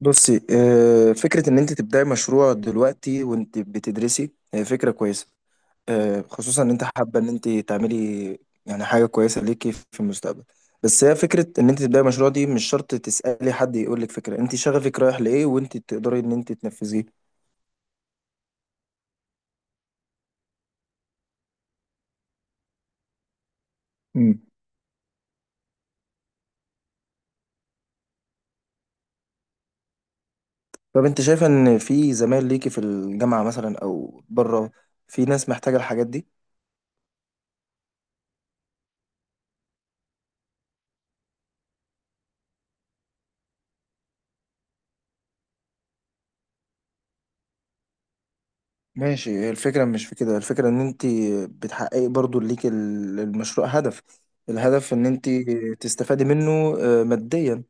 بصي، فكرة إن أنت تبدأي مشروع دلوقتي وأنت بتدرسي هي فكرة كويسة. خصوصا إن أنت حابة إن أنت تعملي يعني حاجة كويسة ليكي في المستقبل. بس هي فكرة إن أنت تبدأي مشروع دي مش شرط تسألي حد يقولك فكرة. أنت شغفك رايح لإيه وأنت تقدري إن أنت تنفذيه. مم. طب أنت شايفة إن في زمايل ليكي في الجامعة مثلا أو بره، في ناس محتاجة الحاجات دي؟ ماشي. الفكرة مش في كده، الفكرة ان انت بتحققي برضو ليك المشروع هدف. الهدف ان انت تستفادي منه ماديا.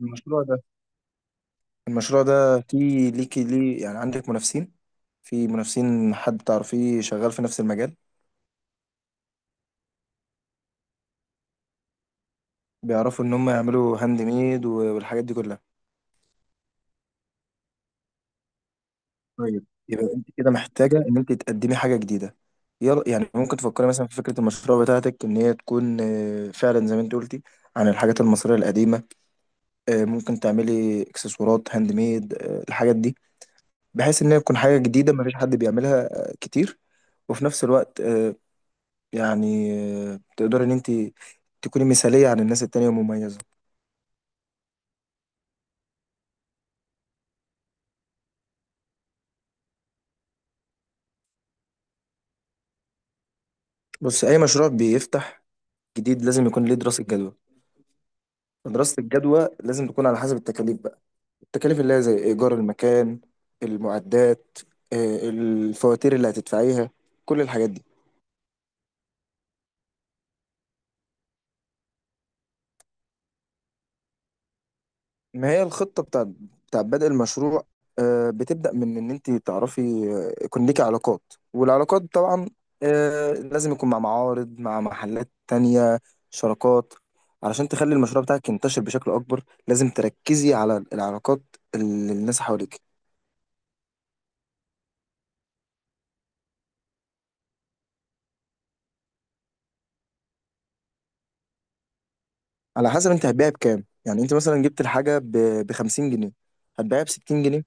المشروع ده المشروع ده في ليكي ليه؟ يعني عندك منافسين؟ في منافسين، حد تعرفيه شغال في نفس المجال؟ بيعرفوا ان هم يعملوا هاند ميد والحاجات دي كلها. طيب يبقى انت كده محتاجة ان انت تقدمي حاجة جديدة. يلا، يعني ممكن تفكري مثلا في فكرة المشروع بتاعتك ان هي تكون فعلا زي ما انت قلتي عن الحاجات المصرية القديمة. ممكن تعملي اكسسوارات هاند ميد، الحاجات دي، بحيث ان هي تكون حاجه جديده مفيش حد بيعملها كتير. وفي نفس الوقت يعني تقدري ان انت تكوني مثاليه عن الناس التانية ومميزه. بص، اي مشروع بيفتح جديد لازم يكون ليه دراسه جدوى. دراسه الجدوى لازم تكون على حسب التكاليف بقى. التكاليف اللي هي زي ايجار المكان، المعدات، الفواتير اللي هتدفعيها، كل الحاجات دي. ما هي الخطة بتاع بدء المشروع بتبدأ من إن أنت تعرفي يكون ليكي علاقات، والعلاقات طبعا لازم يكون مع معارض، مع محلات تانية، شراكات، علشان تخلي المشروع بتاعك ينتشر بشكل أكبر. لازم تركزي على العلاقات اللي الناس حواليك. على حسب أنت هتبيعي بكام. يعني أنت مثلا جبت الحاجة ب 50 جنيه، هتبيعها ب 60 جنيه،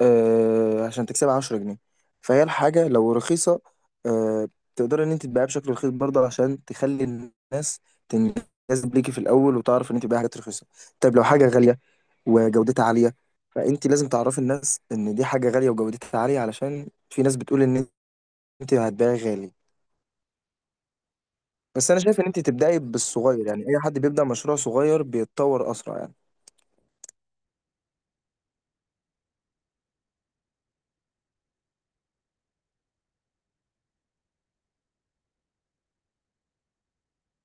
آه عشان تكسبها 10 جنيه. فهي الحاجة لو رخيصة، آه، تقدر ان انت تبيعها بشكل رخيص برضه عشان تخلي الناس تنجذب ليكي في الاول، وتعرف ان انت بتبيعي حاجات رخيصة. طيب لو حاجة غالية وجودتها عالية، فانت لازم تعرفي الناس ان دي حاجة غالية وجودتها عالية، علشان في ناس بتقول ان انت هتبيعي غالي. بس انا شايف ان انت تبدأي بالصغير، يعني اي حد بيبدأ مشروع صغير بيتطور اسرع يعني.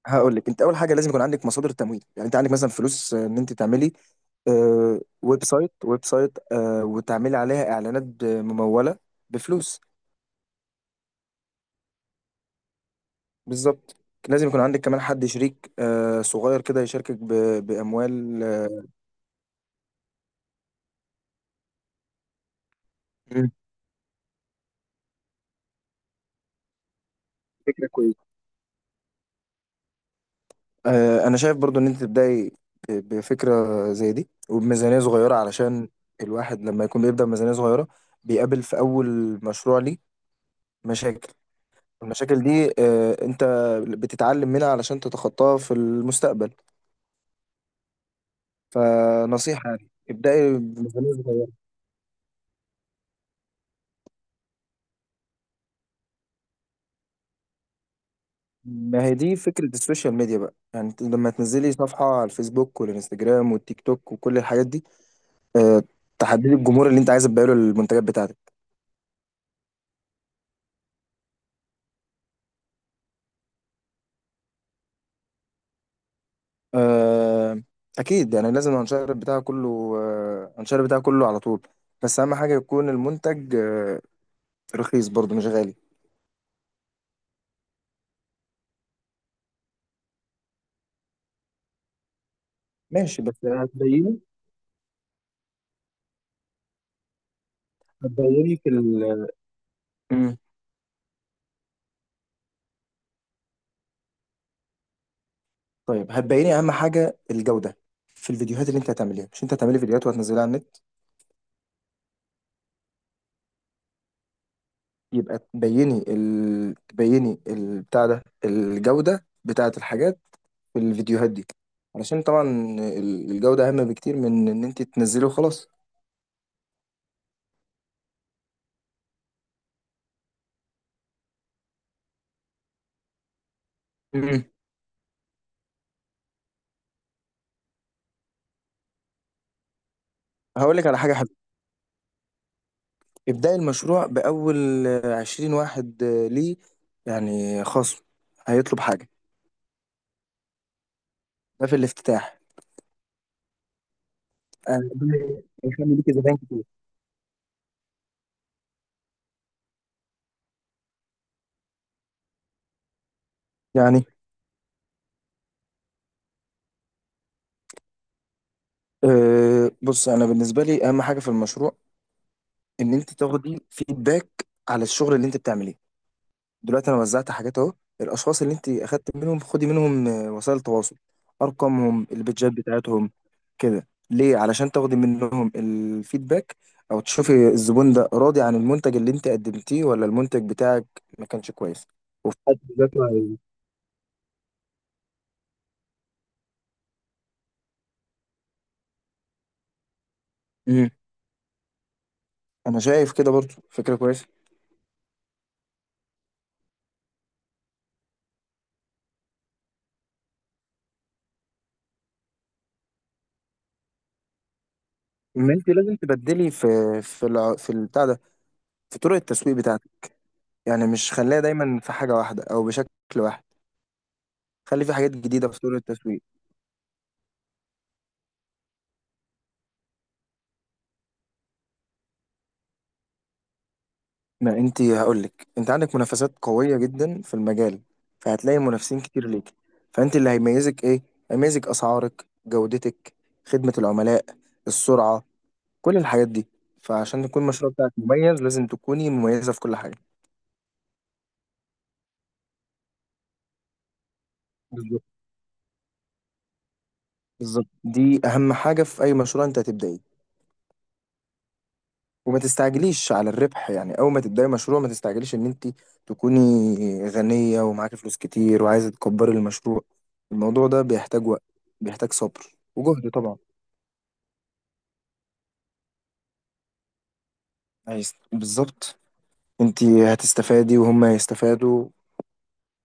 هقول لك، انت اول حاجه لازم يكون عندك مصادر تمويل، يعني انت عندك مثلا فلوس ان انت تعملي ويب سايت، وتعملي عليها اعلانات مموله بفلوس. بالظبط. لازم يكون عندك كمان حد شريك، صغير كده يشاركك باموال، مم. فكرة كويسة. انا شايف برضو ان انت تبداي بفكره زي دي وبميزانيه صغيره، علشان الواحد لما يكون بيبدا بميزانيه صغيره بيقابل في اول مشروع ليه مشاكل. المشاكل دي انت بتتعلم منها علشان تتخطاها في المستقبل. فنصيحة يعني، ابدأي بميزانية صغيرة. ما هي دي فكرة السوشيال ميديا بقى. يعني انت لما تنزلي صفحة على الفيسبوك والانستجرام والتيك توك وكل الحاجات دي، آه، تحددي الجمهور اللي انت عايز تبيعه له المنتجات بتاعتك. آه، اكيد، يعني لازم الانشار بتاعه كله، الانشار بتاعه كله على طول. بس اهم حاجة يكون المنتج رخيص برضه مش غالي. ماشي، بس هتبيني، هتبيني في ال طيب هتبيني اهم حاجه الجوده في الفيديوهات اللي انت هتعمليها. مش انت هتعملي فيديوهات وهتنزليها على النت، يبقى تبيني بتاع ده، الجوده بتاعه الحاجات في الفيديوهات دي، علشان طبعا الجوده اهم بكتير من ان انت تنزلي وخلاص. امم هقول لك على حاجه حلوه. ابداي المشروع باول 20 واحد. ليه؟ يعني خصم، هيطلب حاجه، ده في الافتتاح. ده هيخلي ليكي زباين كتير. يعني بص، انا بالنسبه لي اهم حاجه في المشروع ان انت تاخدي فيدباك على الشغل اللي انت بتعمليه. دلوقتي انا وزعت حاجات اهو، الاشخاص اللي انت اخدت منهم خدي منهم وسائل تواصل، ارقامهم، البيدجات بتاعتهم، كده ليه، علشان تاخدي منهم الفيدباك، او تشوفي الزبون ده راضي عن المنتج اللي انت قدمتيه ولا المنتج بتاعك ما كانش كويس وفي حد ذاته. مم. انا شايف كده برضو فكره كويسه. ان انت لازم تبدلي في في البتاع ده، في طرق التسويق بتاعتك. يعني مش خليها دايما في حاجه واحده او بشكل واحد. خلي في حاجات جديدة في طرق التسويق. ما انت هقولك، انت عندك منافسات قوية جدا في المجال، فهتلاقي منافسين كتير ليك. فانت اللي هيميزك ايه؟ هيميزك اسعارك، جودتك، خدمة العملاء، السرعة، كل الحاجات دي. فعشان يكون المشروع بتاعك مميز لازم تكوني مميزة في كل حاجة. بالظبط. بالظبط، دي اهم حاجة في اي مشروع انت هتبدأيه. وما تستعجليش على الربح، يعني اول ما تبداي مشروع ما تستعجليش ان انت تكوني غنية ومعاكي فلوس كتير وعايزة تكبري المشروع. الموضوع ده بيحتاج وقت، بيحتاج صبر وجهد طبعا. عايز بالظبط. انت هتستفادي وهم هيستفادوا.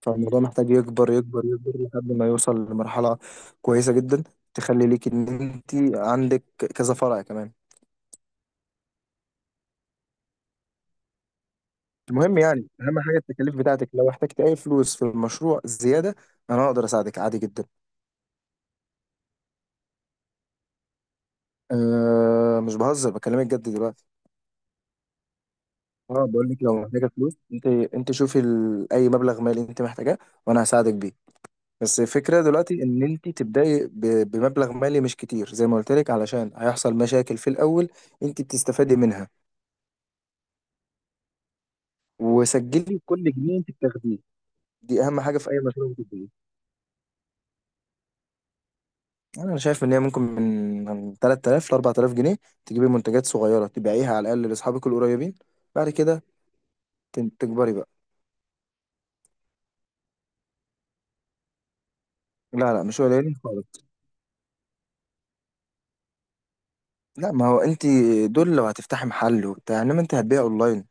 فالموضوع محتاج يكبر يكبر يكبر لحد ما يوصل لمرحلة كويسة جدا، تخلي ليك ان انت عندك كذا فرع كمان. المهم يعني اهم حاجة التكاليف بتاعتك. لو احتجت اي فلوس في المشروع زيادة، انا اقدر اساعدك عادي جدا. أه، مش بهزر، بكلمك جد دلوقتي. اه بقول لك لو محتاجه فلوس، انت شوفي اي مبلغ مالي انت محتاجاه وانا هساعدك بيه. بس الفكره دلوقتي ان انت تبداي بمبلغ مالي مش كتير زي ما قلت لك، علشان هيحصل مشاكل في الاول انت بتستفادي منها. وسجلي كل جنيه انت بتاخديه، دي اهم حاجه في اي مشروع بتبدايه. انا شايف ان هي ممكن من 3000 ل 4000 جنيه تجيبي منتجات صغيره تبيعيها على الاقل لاصحابك القريبين. بعد كده تكبري بقى. لا لا مش قليلين خالص. لا، ما هو انت، دول لو هتفتحي محل وبتاع، انما انت هتبيع اونلاين.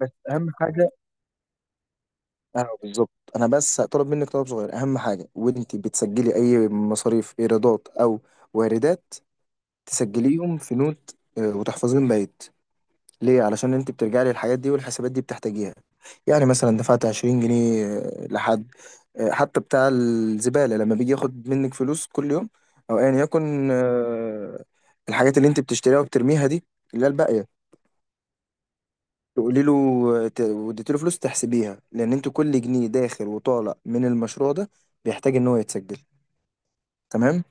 بس اهم حاجه، اه بالظبط، انا بس هطلب منك طلب صغير. اهم حاجه وانت بتسجلي اي مصاريف، ايرادات او واردات، تسجليهم في نوت، وتحفظيهم بايت. ليه؟ علشان انت بترجعي للحاجات دي، والحسابات دي بتحتاجيها. يعني مثلا دفعت 20 جنيه، لحد، حتى بتاع الزباله لما بيجي ياخد منك فلوس كل يوم او ايا يكن، الحاجات اللي انت بتشتريها وبترميها دي اللي هي الباقيه، تقولي له واديت له فلوس، تحسبيها، لان انتوا كل جنيه داخل وطالع من المشروع ده بيحتاج ان هو يتسجل. تمام.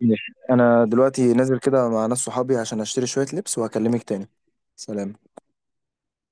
ماشي، انا دلوقتي نازل كده مع ناس صحابي عشان اشتري شوية لبس وهكلمك تاني. سلام.